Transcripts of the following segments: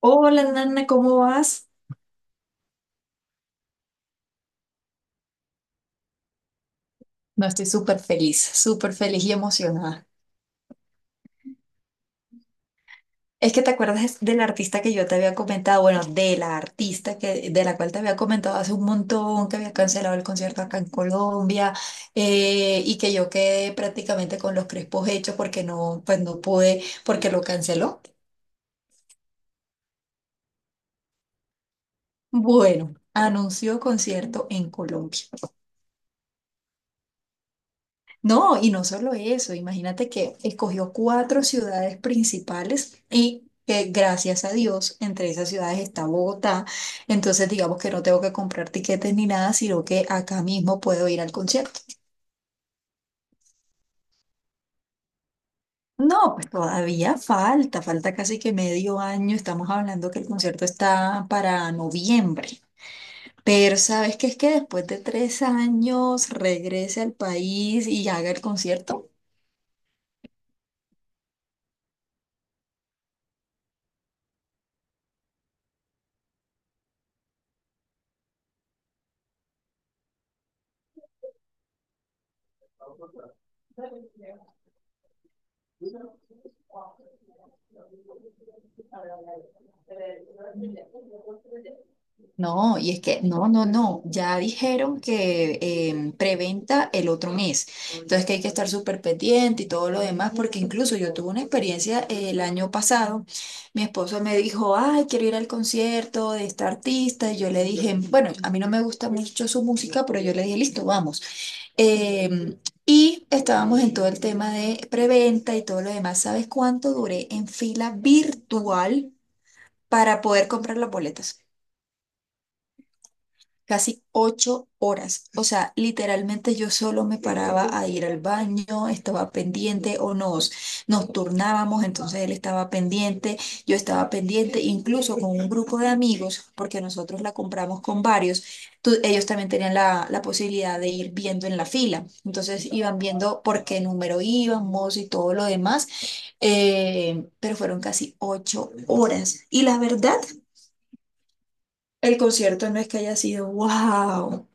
Hola, Nana, ¿cómo vas? No, estoy súper feliz y emocionada. Es que te acuerdas de la artista que yo te había comentado, bueno, de la cual te había comentado hace un montón, que había cancelado el concierto acá en Colombia, y que yo quedé prácticamente con los crespos hechos porque no, pues no pude, porque lo canceló. Bueno, anunció concierto en Colombia. No, y no solo eso, imagínate que escogió cuatro ciudades principales y que gracias a Dios entre esas ciudades está Bogotá, entonces digamos que no tengo que comprar tiquetes ni nada, sino que acá mismo puedo ir al concierto. No, pues todavía falta, falta casi que medio año, estamos hablando que el concierto está para noviembre. Pero sabes qué es que después de 3 años regrese al país y haga el concierto. No, y es que, no, no, no, ya dijeron que preventa el otro mes. Entonces que hay que estar súper pendiente y todo lo demás, porque incluso yo tuve una experiencia el año pasado. Mi esposo me dijo, ay, quiero ir al concierto de esta artista. Y yo le dije, bueno, a mí no me gusta mucho su música, pero yo le dije, listo, vamos. Em, y estábamos en todo el tema de preventa y todo lo demás. ¿Sabes cuánto duré en fila virtual para poder comprar las boletas? Casi 8 horas. O sea, literalmente yo solo me paraba a ir al baño, estaba pendiente o nos turnábamos, entonces él estaba pendiente, yo estaba pendiente, incluso con un grupo de amigos, porque nosotros la compramos con varios, ellos también tenían la posibilidad de ir viendo en la fila. Entonces iban viendo por qué número íbamos y todo lo demás, pero fueron casi 8 horas. Y la verdad, el concierto no es que haya sido wow.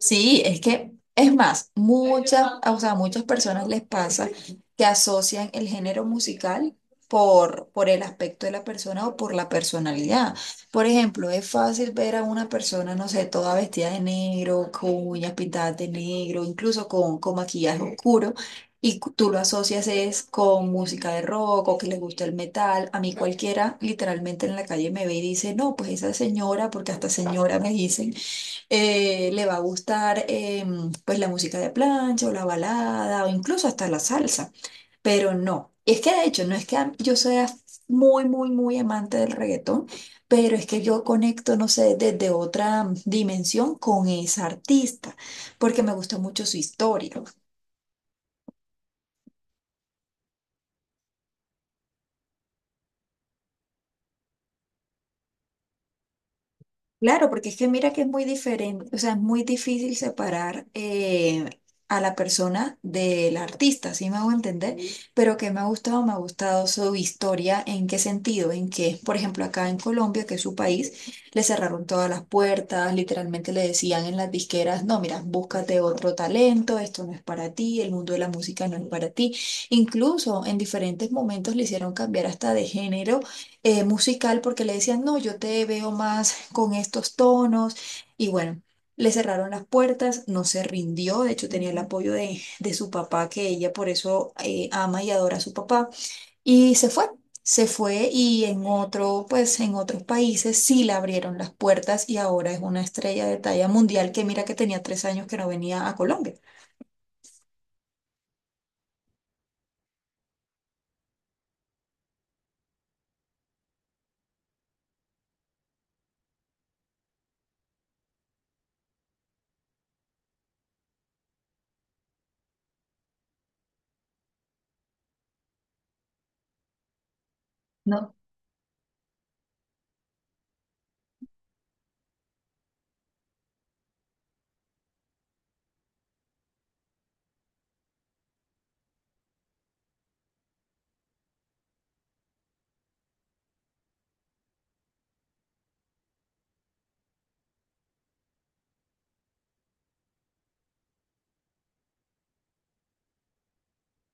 Sí, es que, es más, muchas, o sea, a muchas personas les pasa que asocian el género musical por el aspecto de la persona o por la personalidad. Por ejemplo, es fácil ver a una persona, no sé, toda vestida de negro, con uñas pintadas de negro, incluso con maquillaje oscuro. Y tú lo asocias es con música de rock o que les gusta el metal. A mí cualquiera literalmente en la calle me ve y dice, no, pues esa señora, porque hasta señora me dicen, le va a gustar, pues, la música de plancha o la balada o incluso hasta la salsa. Pero no, es que de hecho no es que yo sea muy, muy, muy amante del reggaetón, pero es que yo conecto, no sé, desde otra dimensión con esa artista, porque me gusta mucho su historia. Claro, porque es que mira que es muy diferente, o sea, es muy difícil separar a la persona del artista, ¿sí me hago entender? Ujú. Pero que me ha gustado su historia, ¿en qué sentido? En que, por ejemplo, acá en Colombia, que es su país, le cerraron todas las puertas, literalmente le decían en las disqueras, no, mira, búscate otro talento, esto no es para ti, el mundo de la música no es para ti. Incluso en diferentes momentos le hicieron cambiar hasta de género, musical, porque le decían, no, yo te veo más con estos tonos. Y bueno, le cerraron las puertas, no se rindió, de hecho tenía el apoyo de su papá, que ella por eso, ama y adora a su papá, y se fue. Se fue y pues en otros países sí le abrieron las puertas y ahora es una estrella de talla mundial que mira que tenía 3 años que no venía a Colombia. no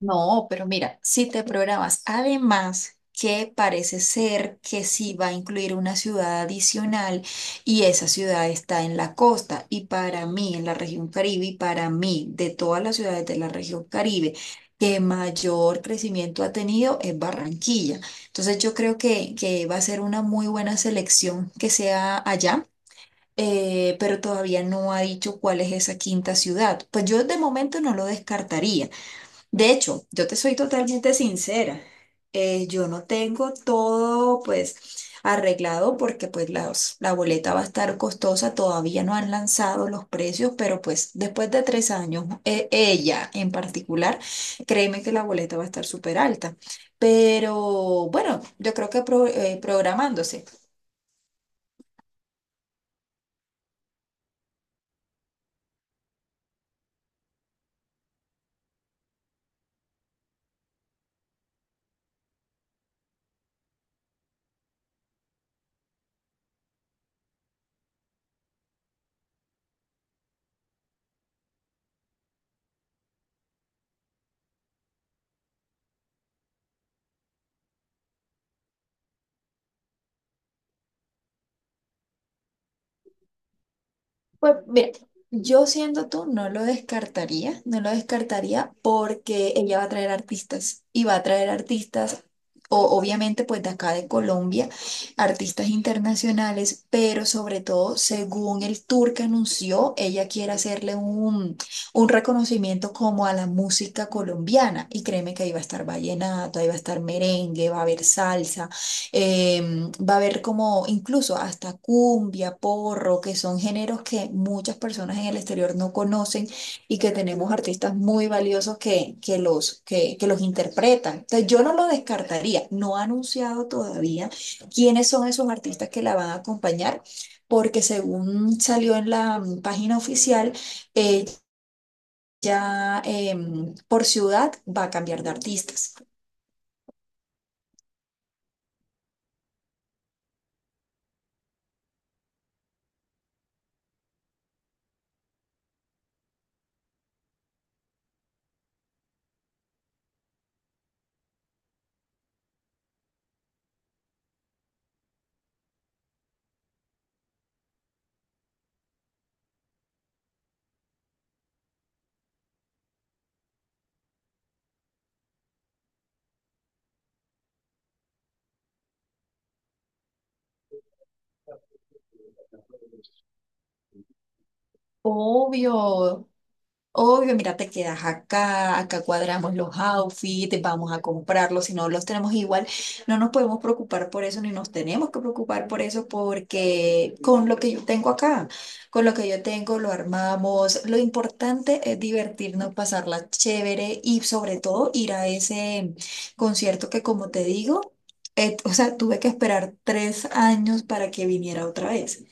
No, pero mira, si te programas, además que parece ser que sí va a incluir una ciudad adicional y esa ciudad está en la costa y para mí, en la región Caribe, y para mí, de todas las ciudades de la región Caribe, que mayor crecimiento ha tenido es Barranquilla. Entonces yo creo que va a ser una muy buena selección que sea allá. Pero todavía no ha dicho cuál es esa quinta ciudad. Pues yo de momento no lo descartaría. De hecho, yo te soy totalmente sincera. Yo no tengo todo, pues, arreglado, porque pues la boleta va a estar costosa. Todavía no han lanzado los precios, pero pues después de 3 años, ella en particular, créeme que la boleta va a estar súper alta. Pero bueno, yo creo que programándose. Pues mira, yo siendo tú no lo descartaría, no lo descartaría porque ella va a traer artistas y va a traer artistas, o, obviamente pues de acá de Colombia, artistas internacionales, pero sobre todo según el tour que anunció, ella quiere hacerle un reconocimiento como a la música colombiana, y créeme que ahí va a estar vallenato, ahí va a estar merengue, va a haber salsa. Va a haber como incluso hasta cumbia, porro, que son géneros que muchas personas en el exterior no conocen y que tenemos artistas muy valiosos que los interpretan. Entonces yo no lo descartaría, no ha anunciado todavía quiénes son esos artistas que la van a acompañar, porque según salió en la página oficial, ella, por ciudad, va a cambiar de artistas. Obvio, obvio, mira, te quedas acá, acá cuadramos los outfits, vamos a comprarlos, si no los tenemos igual, no nos podemos preocupar por eso, ni nos tenemos que preocupar por eso, porque con lo que yo tengo acá, con lo que yo tengo, lo armamos. Lo importante es divertirnos, pasarla chévere y sobre todo ir a ese concierto que, como te digo, o sea, tuve que esperar 3 años para que viniera otra vez.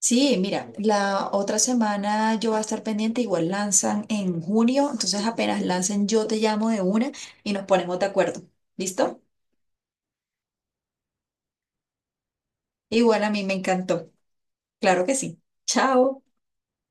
Sí, mira, la otra semana yo voy a estar pendiente, igual lanzan en junio, entonces apenas lancen yo te llamo de una y nos ponemos de acuerdo. ¿Listo? Igual a mí me encantó. Claro que sí. Chao.